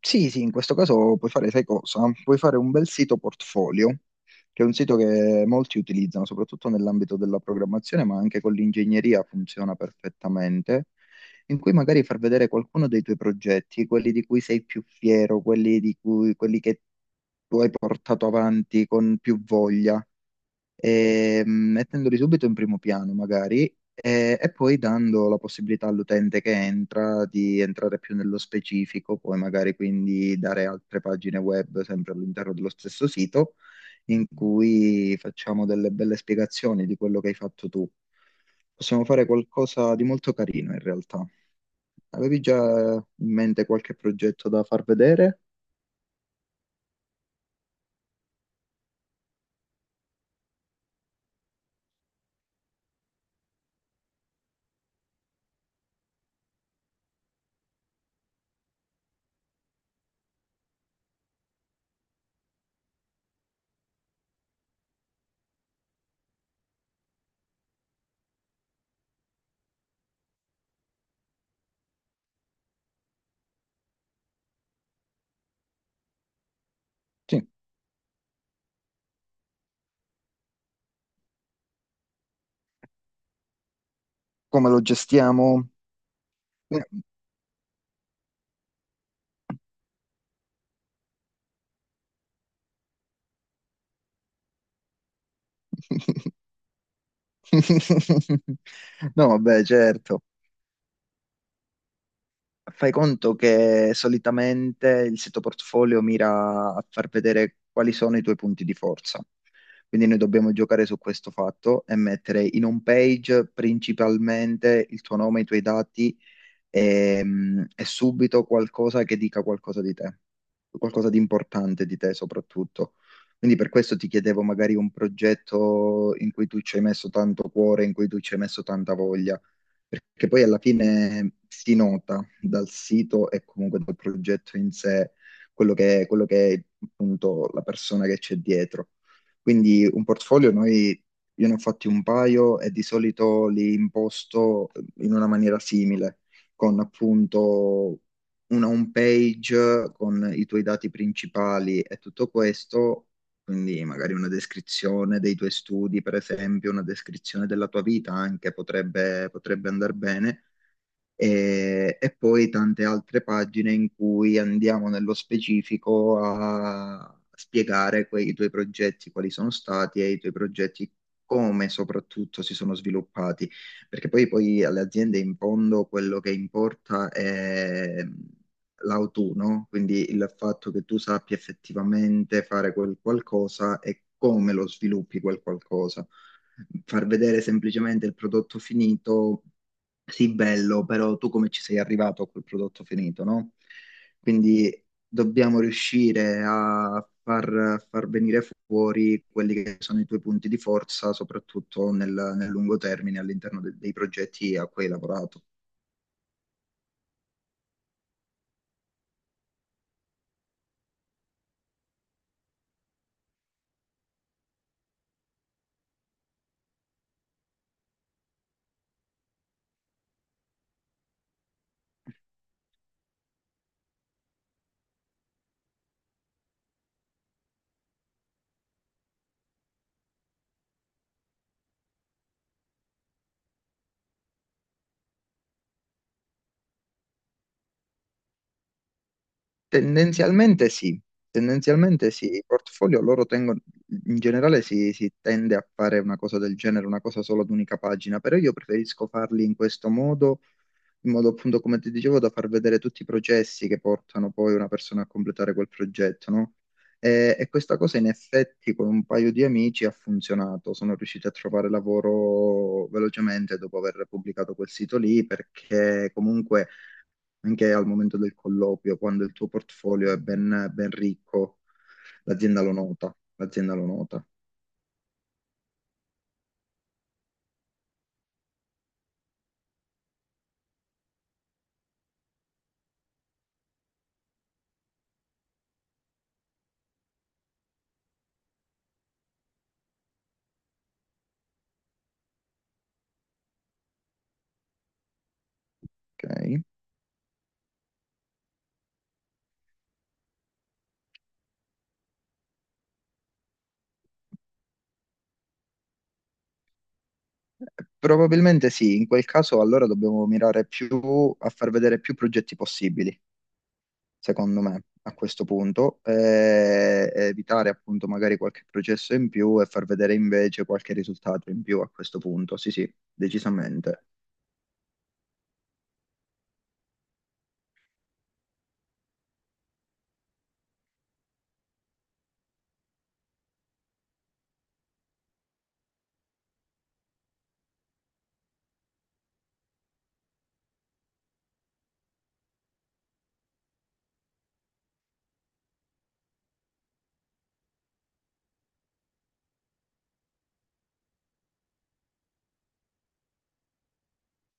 Sì, sì, in questo caso puoi fare, sai cosa? Puoi fare un bel sito portfolio, che è un sito che molti utilizzano, soprattutto nell'ambito della programmazione, ma anche con l'ingegneria funziona perfettamente, in cui magari far vedere qualcuno dei tuoi progetti, quelli di cui sei più fiero, quelli che tu hai portato avanti con più voglia e, mettendoli subito in primo piano magari e, poi dando la possibilità all'utente che entra di entrare più nello specifico, poi magari quindi dare altre pagine web sempre all'interno dello stesso sito in cui facciamo delle belle spiegazioni di quello che hai fatto tu. Possiamo fare qualcosa di molto carino in realtà. Avevi già in mente qualche progetto da far vedere? Sì, come lo gestiamo? Eh, No, vabbè, certo. Fai conto che solitamente il sito portfolio mira a far vedere quali sono i tuoi punti di forza. Quindi noi dobbiamo giocare su questo fatto e mettere in home page principalmente il tuo nome, i tuoi dati, è subito qualcosa che dica qualcosa di te, qualcosa di importante di te soprattutto. Quindi per questo ti chiedevo magari un progetto in cui tu ci hai messo tanto cuore, in cui tu ci hai messo tanta voglia, perché poi alla fine si nota dal sito e comunque dal progetto in sé quello che è appunto la persona che c'è dietro. Quindi un portfolio noi, io ne ho fatti un paio e di solito li imposto in una maniera simile con appunto una home page con i tuoi dati principali e tutto questo, quindi magari una descrizione dei tuoi studi, per esempio, una descrizione della tua vita anche potrebbe andare bene e, poi tante altre pagine in cui andiamo nello specifico a spiegare i tuoi progetti, quali sono stati e i tuoi progetti come soprattutto si sono sviluppati, perché poi alle aziende in fondo quello che importa è l'autunno, no? Quindi il fatto che tu sappia effettivamente fare quel qualcosa e come lo sviluppi quel qualcosa. Far vedere semplicemente il prodotto finito sì, bello, però tu come ci sei arrivato a quel prodotto finito, no? Quindi dobbiamo riuscire a a far venire fuori quelli che sono i tuoi punti di forza, soprattutto nel lungo termine all'interno dei progetti a cui hai lavorato. Tendenzialmente sì, tendenzialmente sì, i portfolio loro tengono, in generale si tende a fare una cosa del genere, una cosa solo ad unica pagina, però io preferisco farli in questo modo in modo appunto, come ti dicevo, da far vedere tutti i processi che portano poi una persona a completare quel progetto, no? E, questa cosa in effetti con un paio di amici ha funzionato. Sono riusciti a trovare lavoro velocemente dopo aver pubblicato quel sito lì, perché comunque anche al momento del colloquio, quando il tuo portfolio è ben, ben ricco, l'azienda lo nota, ok? Probabilmente sì, in quel caso allora dobbiamo mirare più a far vedere più progetti possibili secondo me, a questo punto, e evitare appunto magari qualche processo in più e far vedere invece qualche risultato in più a questo punto. Sì, sì, decisamente.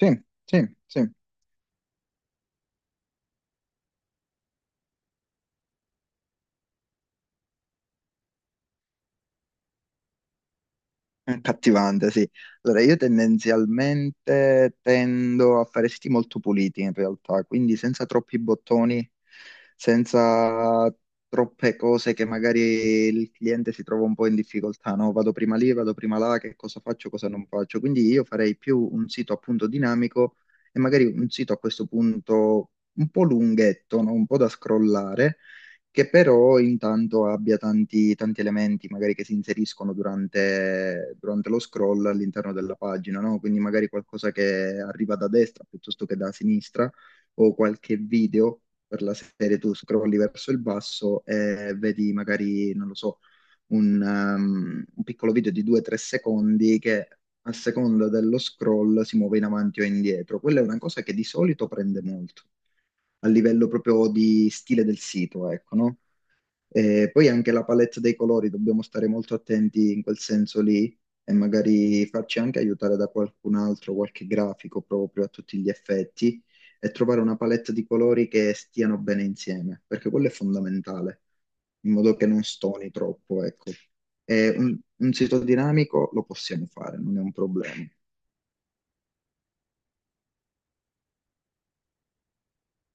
Sì, sì, sì. Accattivante, sì. Allora, io tendenzialmente tendo a fare siti molto puliti in realtà, quindi senza troppi bottoni, senza troppe cose che magari il cliente si trova un po' in difficoltà, no? Vado prima lì, vado prima là, che cosa faccio, cosa non faccio. Quindi io farei più un sito appunto dinamico e magari un sito a questo punto un po' lunghetto, no? Un po' da scrollare che però intanto abbia tanti, tanti elementi magari che si inseriscono durante lo scroll all'interno della pagina, no? Quindi magari qualcosa che arriva da destra piuttosto che da sinistra o qualche video per la serie tu scrolli verso il basso e vedi magari, non lo so, un piccolo video di 2-3 secondi che a seconda dello scroll si muove in avanti o indietro. Quella è una cosa che di solito prende molto a livello proprio di stile del sito, ecco, no? E poi anche la palette dei colori, dobbiamo stare molto attenti in quel senso lì e magari farci anche aiutare da qualcun altro, qualche grafico proprio a tutti gli effetti e trovare una palette di colori che stiano bene insieme, perché quello è fondamentale, in modo che non stoni troppo, ecco. E un sito dinamico lo possiamo fare, non è un problema.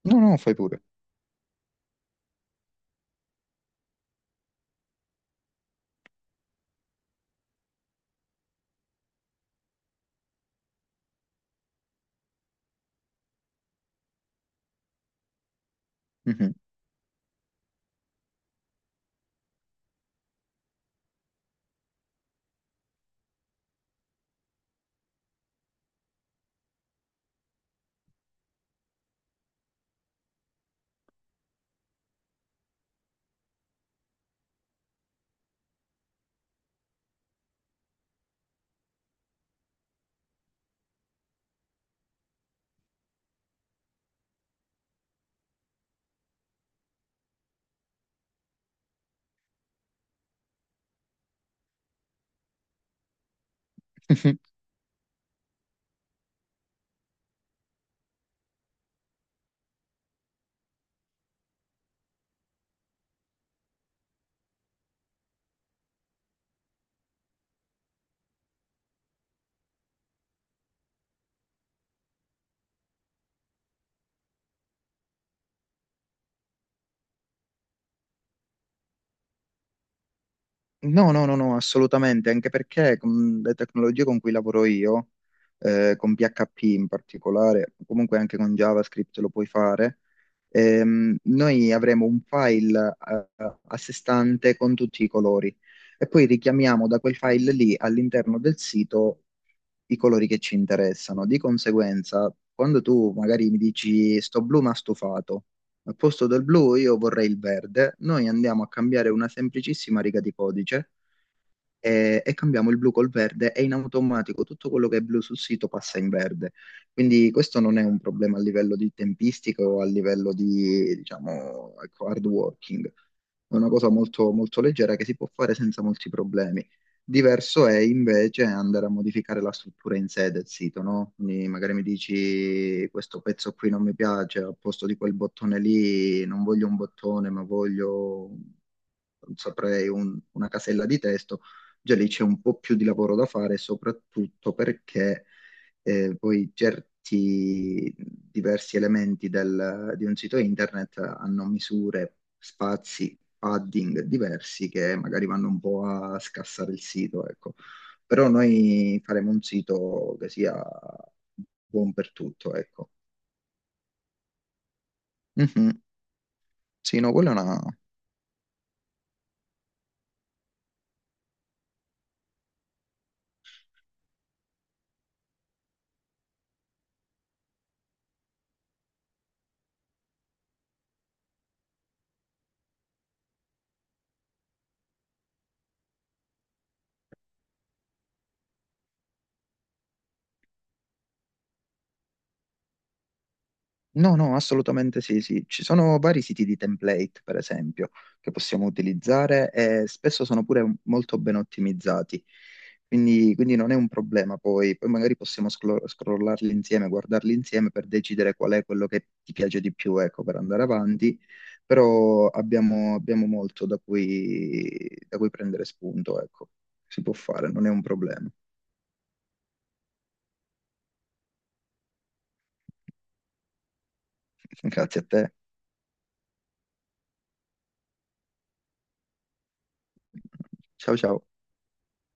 No, no, fai pure. Mhm. No, no, no, no, assolutamente, anche perché con le tecnologie con cui lavoro io, con PHP in particolare, comunque anche con JavaScript lo puoi fare, noi avremo un file, a sé stante con tutti i colori e poi richiamiamo da quel file lì all'interno del sito i colori che ci interessano. Di conseguenza, quando tu magari mi dici sto blu ma stufato, al posto del blu io vorrei il verde. Noi andiamo a cambiare una semplicissima riga di codice e, cambiamo il blu col verde e in automatico tutto quello che è blu sul sito passa in verde. Quindi questo non è un problema a livello di tempistica o a livello di, diciamo, ecco, hard working. È una cosa molto, molto leggera che si può fare senza molti problemi. Diverso è invece andare a modificare la struttura in sé del sito, no? Quindi magari mi dici questo pezzo qui non mi piace, al posto di quel bottone lì non voglio un bottone, ma voglio, non saprei, una casella di testo già lì c'è un po' più di lavoro da fare, soprattutto perché poi certi diversi elementi di un sito internet hanno misure, spazi, padding diversi che magari vanno un po' a scassare il sito, ecco. Però noi faremo un sito che sia buon per tutto, ecco. Mhm. Sì, no, quella è una No, no, assolutamente sì, sì. Ci sono vari siti di template, per esempio, che possiamo utilizzare e spesso sono pure molto ben ottimizzati. Quindi, non è un problema poi. Poi magari possiamo scrollarli insieme, guardarli insieme per decidere qual è quello che ti piace di più, ecco, per andare avanti. Però abbiamo molto da cui prendere spunto, ecco. Si può fare, non è un problema. Grazie a te. Ciao ciao.